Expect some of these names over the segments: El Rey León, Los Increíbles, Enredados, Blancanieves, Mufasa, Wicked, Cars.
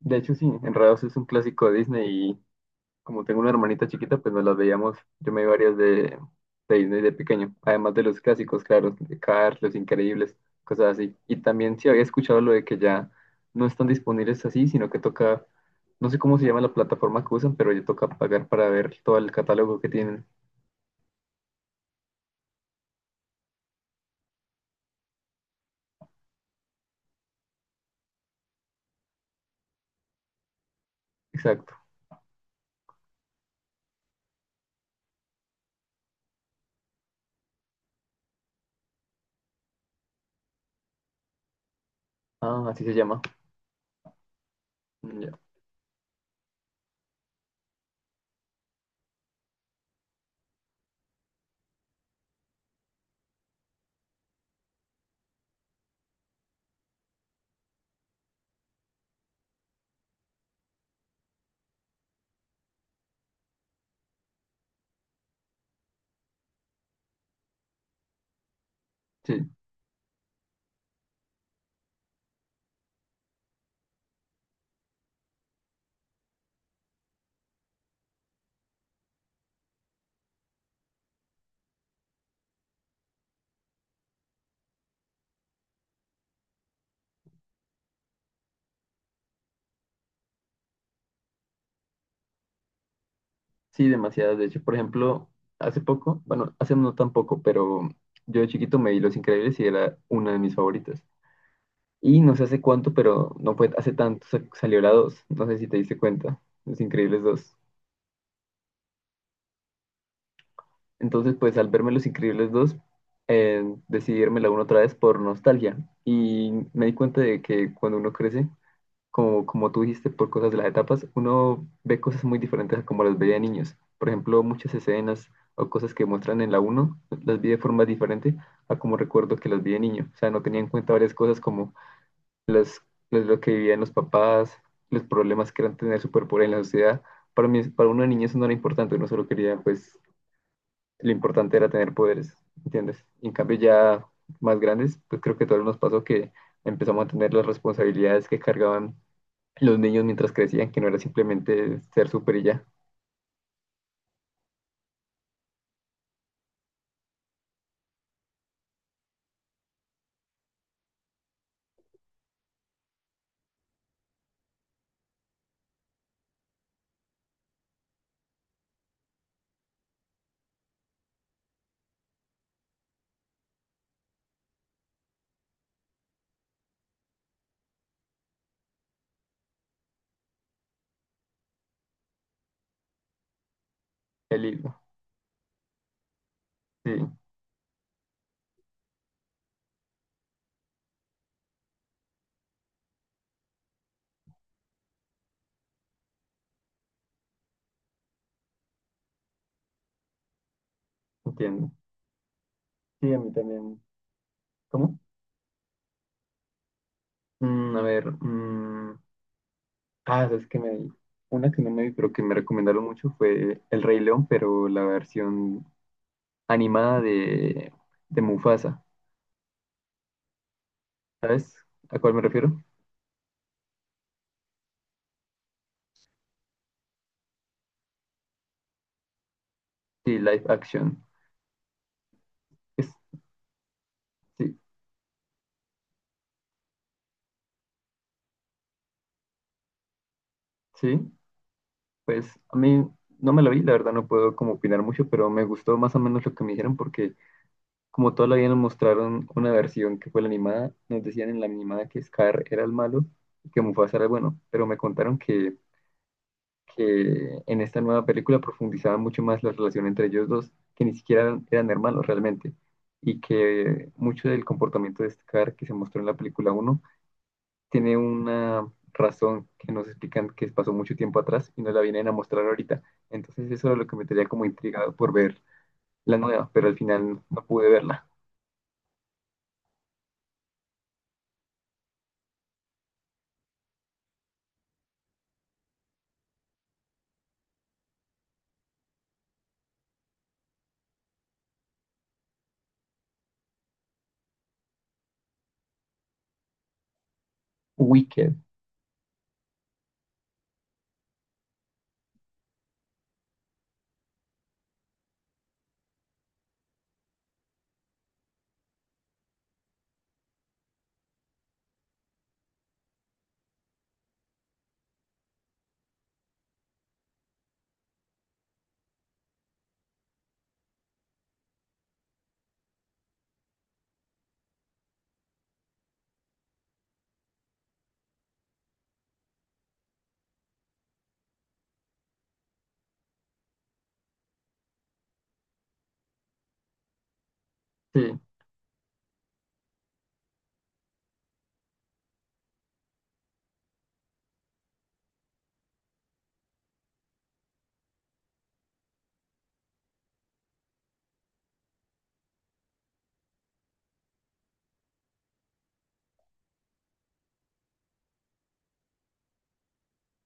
De hecho, sí, Enredados es un clásico de Disney y como tengo una hermanita chiquita, pues nos las veíamos. Yo me vi varias de Disney de pequeño, además de los clásicos, claro, de Cars, Los Increíbles, cosas así. Y también sí había escuchado lo de que ya no están disponibles así, sino que toca, no sé cómo se llama la plataforma que usan, pero ya toca pagar para ver todo el catálogo que tienen. Exacto. Ah, así se llama. Mm, ya. Sí. Sí, demasiadas. De hecho, por ejemplo, hace poco, bueno, hace no tan poco, pero yo de chiquito me vi Los Increíbles y era una de mis favoritas. Y no sé hace cuánto, pero no fue hace tanto, salió la dos. No sé si te diste cuenta, Los Increíbles dos. Entonces, pues al verme Los Increíbles dos decidí verme la uno otra vez por nostalgia. Y me di cuenta de que cuando uno crece, como, como tú dijiste, por cosas de las etapas, uno ve cosas muy diferentes a como las veía de niños. Por ejemplo, muchas escenas o cosas que muestran en la uno las vi de forma diferente a como recuerdo que las vi de niño. O sea, no tenía en cuenta varias cosas como las, lo que vivían los papás, los problemas que eran tener superpoder en la sociedad. Para mí, para una niño eso no era importante, uno solo quería, pues, lo importante era tener poderes, ¿entiendes? Y en cambio ya más grandes, pues creo que a todos nos pasó que empezamos a tener las responsabilidades que cargaban los niños mientras crecían, que no era simplemente ser súper y ya, el hilo. Sí, entiendo. Sí, a mí también. ¿Cómo? Mm, a ver, mm, es que me vi. Una que no me vi, pero que me recomendaron mucho fue El Rey León, pero la versión animada de Mufasa. ¿Sabes a cuál me refiero? Sí, live action. Es- sí, sí, pues a mí no me la vi, la verdad no puedo como opinar mucho, pero me gustó más o menos lo que me dijeron porque como todavía nos mostraron una versión que fue la animada, nos decían en la animada que Scar era el malo y que Mufasa era el bueno, pero me contaron que en esta nueva película profundizaban mucho más la relación entre ellos dos, que ni siquiera eran hermanos realmente, y que mucho del comportamiento de Scar que se mostró en la película uno tiene una razón que nos explican que pasó mucho tiempo atrás y nos la vienen a mostrar ahorita. Entonces eso era lo que me tenía como intrigado por ver la nueva, pero al final no pude verla. Wicked. Sí,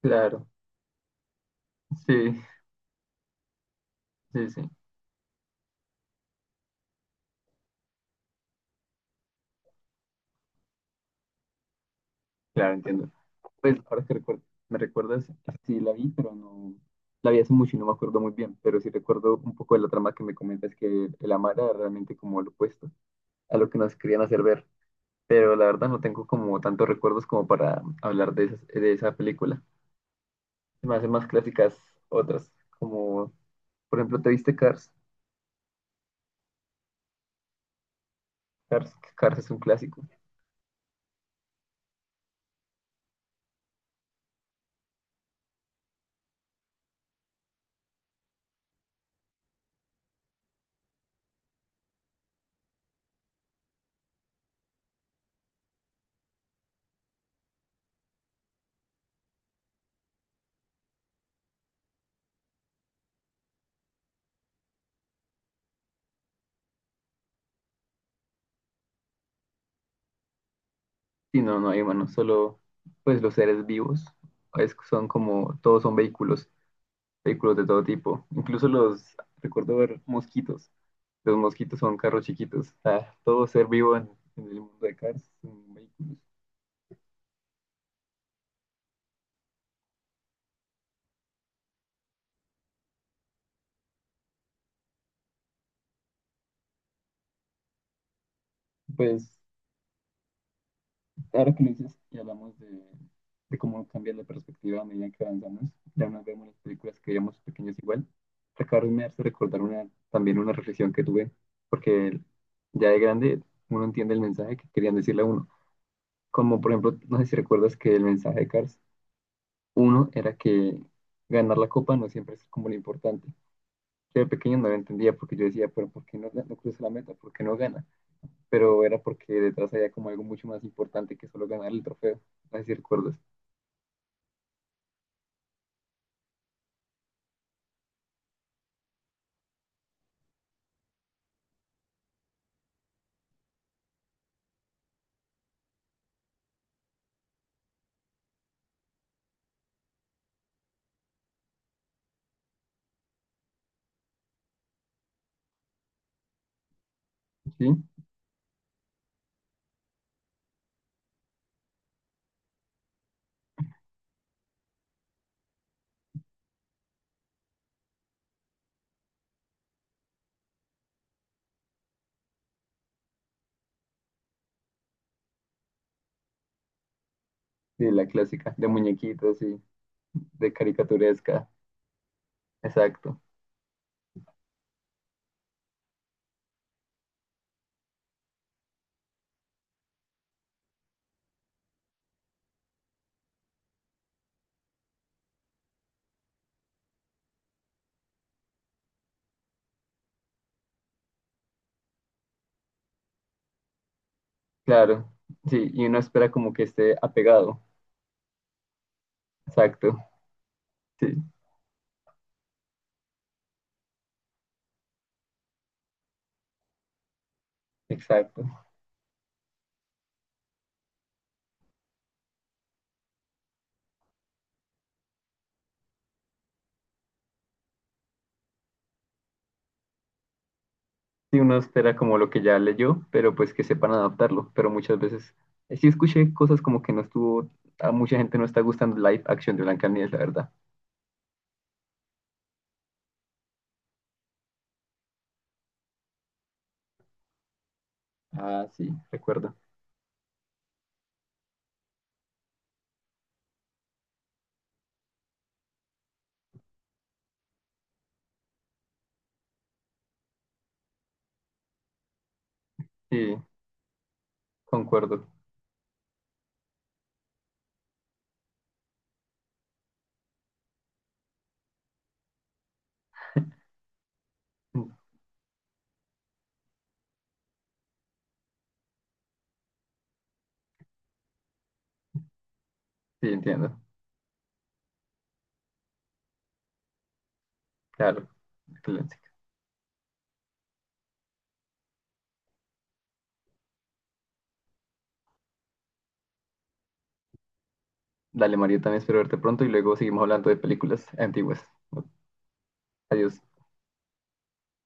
claro, sí, sí, sí, claro, entiendo. Pues ahora que recuerdo, me recuerdas, sí la vi, pero no, la vi hace mucho y no me acuerdo muy bien, pero sí recuerdo un poco de la trama que me comentas que el amar era realmente como lo opuesto a lo que nos querían hacer ver, pero la verdad no tengo como tantos recuerdos como para hablar de esas- de esa película. Se me hacen más clásicas otras, como por ejemplo, ¿te viste Cars? Cars, Cars es un clásico. Sí, no, no hay humanos, solo pues los seres vivos, es- son como, todos son vehículos vehículos de todo tipo. Incluso los, recuerdo ver mosquitos. Los mosquitos son carros chiquitos. Ah, todo ser vivo en el mundo de Cars son vehículos. Pues ahora que lo dices y hablamos de cómo cambia la perspectiva a medida que avanzamos, ya nos vemos las películas que veíamos pequeños igual. Acabo me hace recordar una, también una reflexión que tuve, porque ya de grande uno entiende el mensaje que querían decirle a uno. Como por ejemplo, no sé si recuerdas que el mensaje de Cars uno era que ganar la copa no siempre es como lo importante. Yo de pequeño no lo entendía porque yo decía, pero ¿por qué no, no cruza la meta? ¿Por qué no gana? Pero era porque detrás había como algo mucho más importante que solo ganar el trofeo. Así recuerdas. Sí, de la clásica, de muñequitos y de caricaturesca. Exacto. Claro. Sí, y uno espera como que esté apegado. Exacto. Sí, exacto. Sí, uno espera como lo que ya leyó, pero pues que sepan adaptarlo. Pero muchas veces sí escuché cosas como que no estuvo, a mucha gente no está gustando live action de Blancanieves, la verdad. Ah, sí, recuerdo. Sí, concuerdo. Mm, sí, entiendo. Claro. Excelente. Dale, Mario, también espero verte pronto y luego seguimos hablando de películas antiguas. Adiós.